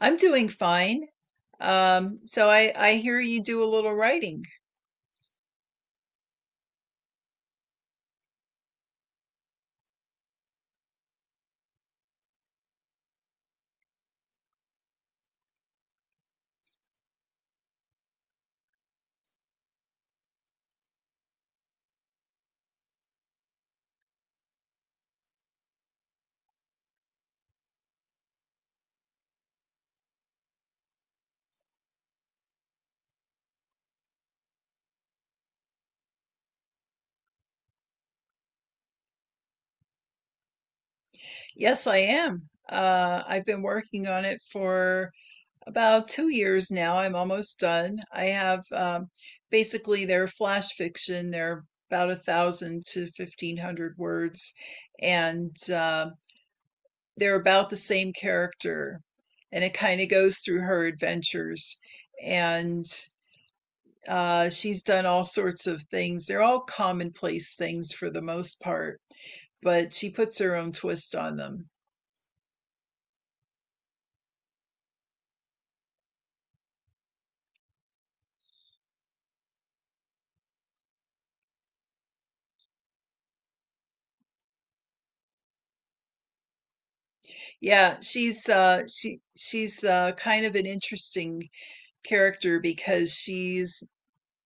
I'm doing fine. So I hear you do a little writing. Yes, I am. I've been working on it for about 2 years now. I'm almost done. I have Basically, they're flash fiction. They're about 1,000 to 1,500 words, and they're about the same character, and it kind of goes through her adventures. And She's done all sorts of things. They're all commonplace things for the most part, but she puts her own twist on them. Yeah, she's kind of an interesting character because she's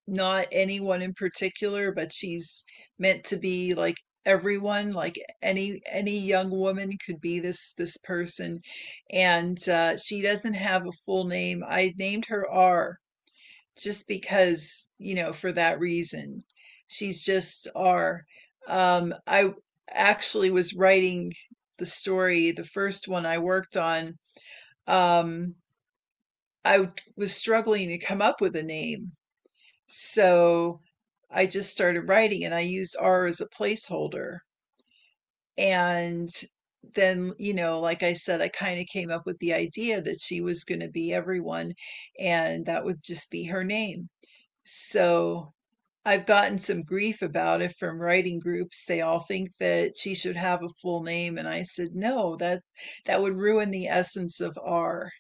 not anyone in particular, but she's meant to be like everyone, like any young woman could be this person. And she doesn't have a full name. I named her R just because, you know, for that reason. She's just R. I actually was writing the story, the first one I worked on. Um, I was struggling to come up with a name, so I just started writing and I used R as a placeholder. And then, you know, like I said, I kind of came up with the idea that she was going to be everyone and that would just be her name. So I've gotten some grief about it from writing groups. They all think that she should have a full name. And I said, no, that would ruin the essence of R.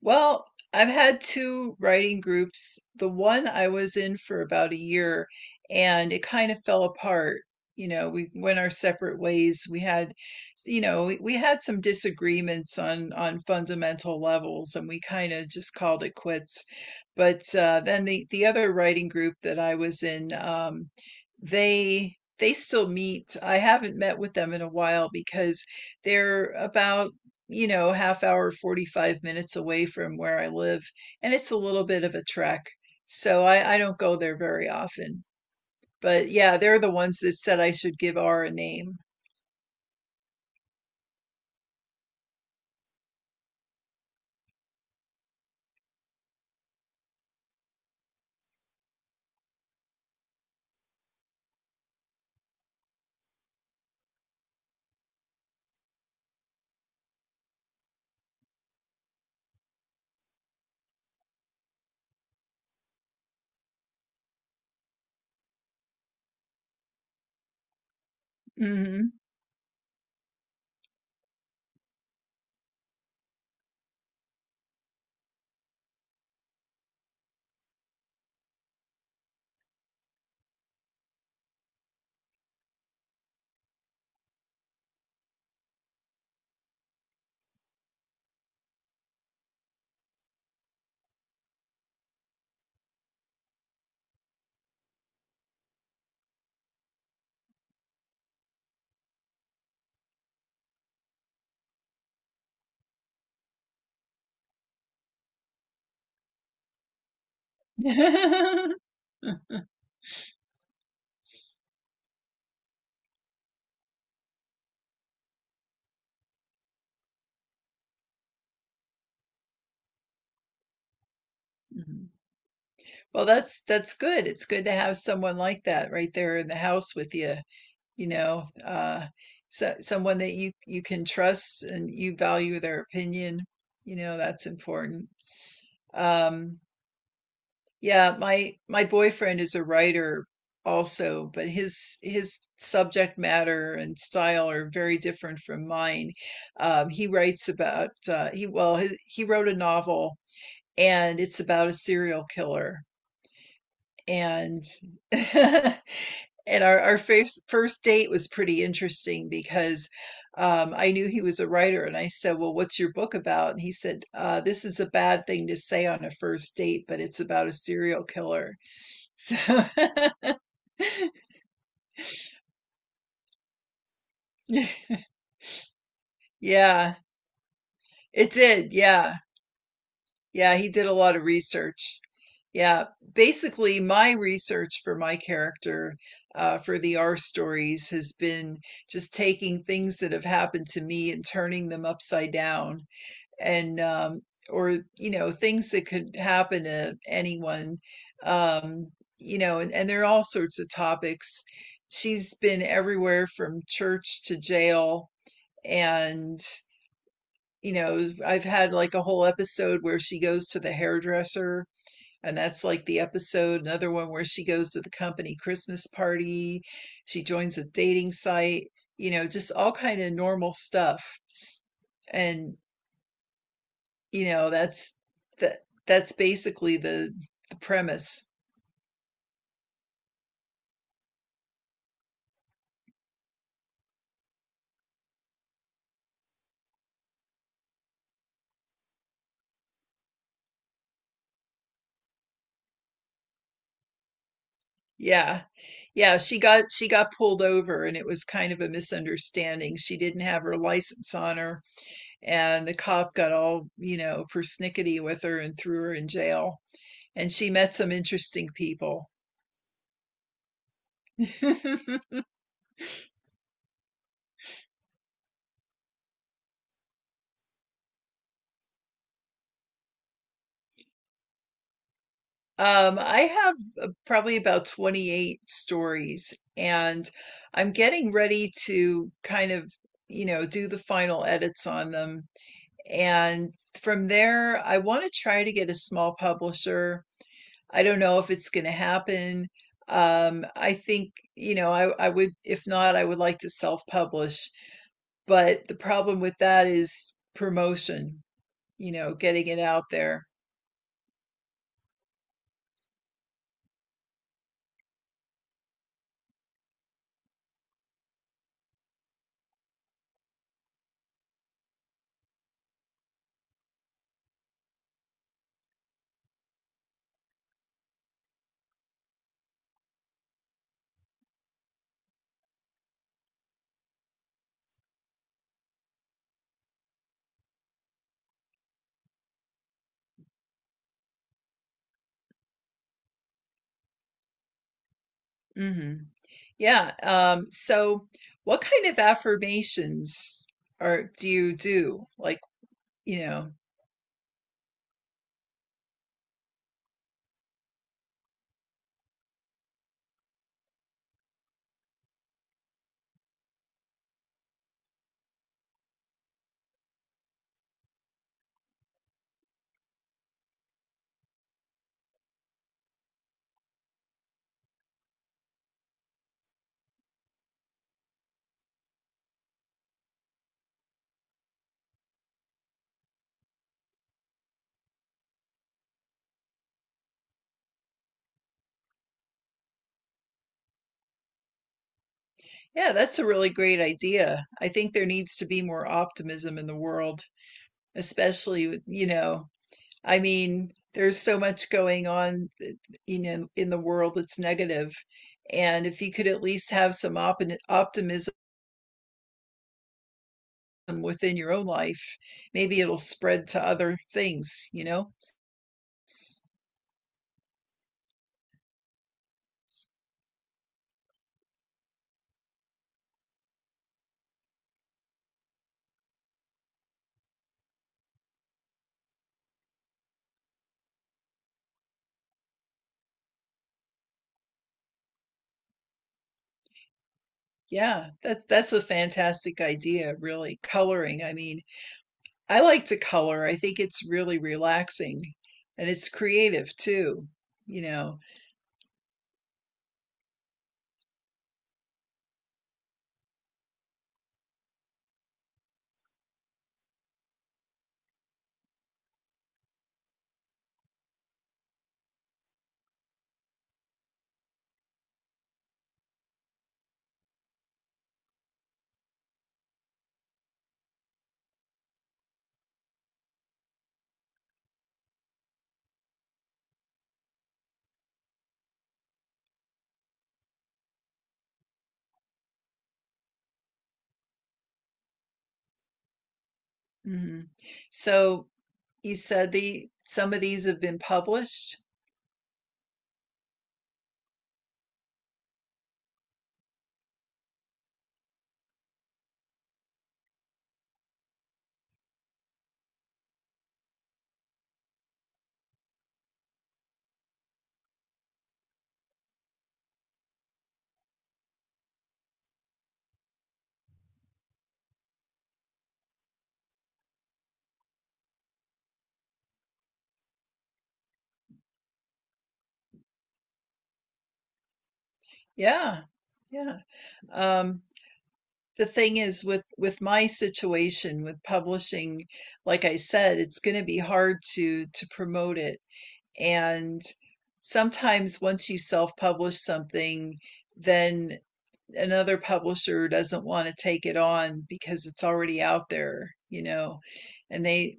Well, I've had two writing groups. The one I was in for about a year and it kind of fell apart. You know, we went our separate ways. We had, you know, we had some disagreements on fundamental levels and we kind of just called it quits. But then the other writing group that I was in, they still meet. I haven't met with them in a while because they're about, you know, half hour, 45 minutes away from where I live. And it's a little bit of a trek. So I don't go there very often. But yeah, they're the ones that said I should give R a name. Hmm Well, that's good. It's good to have someone like that right there in the house with you, you know, so, someone that you can trust and you value their opinion. You know, that's important. Um, Yeah, my boyfriend is a writer also, but his subject matter and style are very different from mine. He writes about he well He wrote a novel and it's about a serial killer and and our first date was pretty interesting because I knew he was a writer and I said, "Well, what's your book about?" And he said, "This is a bad thing to say on a first date, but it's about a serial killer." So yeah, it did. Yeah. Yeah, he did a lot of research. Yeah. Basically, my research for my character, for the R stories, has been just taking things that have happened to me and turning them upside down and or, you know, things that could happen to anyone. Um, you know, and there are all sorts of topics. She's been everywhere from church to jail and, you know, I've had like a whole episode where she goes to the hairdresser, and that's like the episode. Another one where she goes to the company Christmas party, she joins a dating site, you know, just all kind of normal stuff. And, you know, that that's basically the premise. Yeah. Yeah, she got pulled over and it was kind of a misunderstanding. She didn't have her license on her and the cop got all, you know, persnickety with her and threw her in jail. And she met some interesting people. um, I have probably about 28 stories, and I'm getting ready to kind of, you know, do the final edits on them. And from there, I want to try to get a small publisher. I don't know if it's going to happen. I think, you know, I would, if not, I would like to self-publish. But the problem with that is promotion, you know, getting it out there. Mhm. Yeah, so what kind of affirmations are do you do? Like, you know, yeah, that's a really great idea. I think there needs to be more optimism in the world, especially with, you know, I mean, there's so much going on, you know, in the world that's negative. And if you could at least have some op optimism within your own life, maybe it'll spread to other things, you know? Yeah, that's a fantastic idea, really. Coloring. I mean, I like to color. I think it's really relaxing and it's creative too, you know. Hmm. So you said the some of these have been published. Yeah. Yeah. Um, the thing is with my situation with publishing, like I said, it's going to be hard to promote it. And sometimes once you self-publish something, then another publisher doesn't want to take it on because it's already out there, you know, and they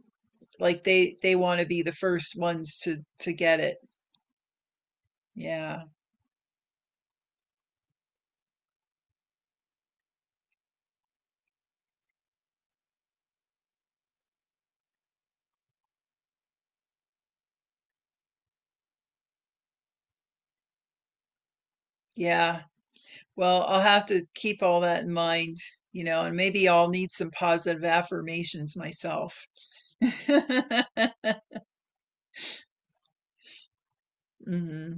like they they want to be the first ones to get it. Yeah. Yeah. Well, I'll have to keep all that in mind, you know, and maybe I'll need some positive affirmations myself. Hmm.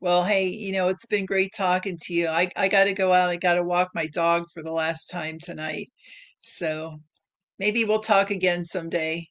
Well, hey, you know, it's been great talking to you. I got to go out. I got to walk my dog for the last time tonight. So, maybe we'll talk again someday.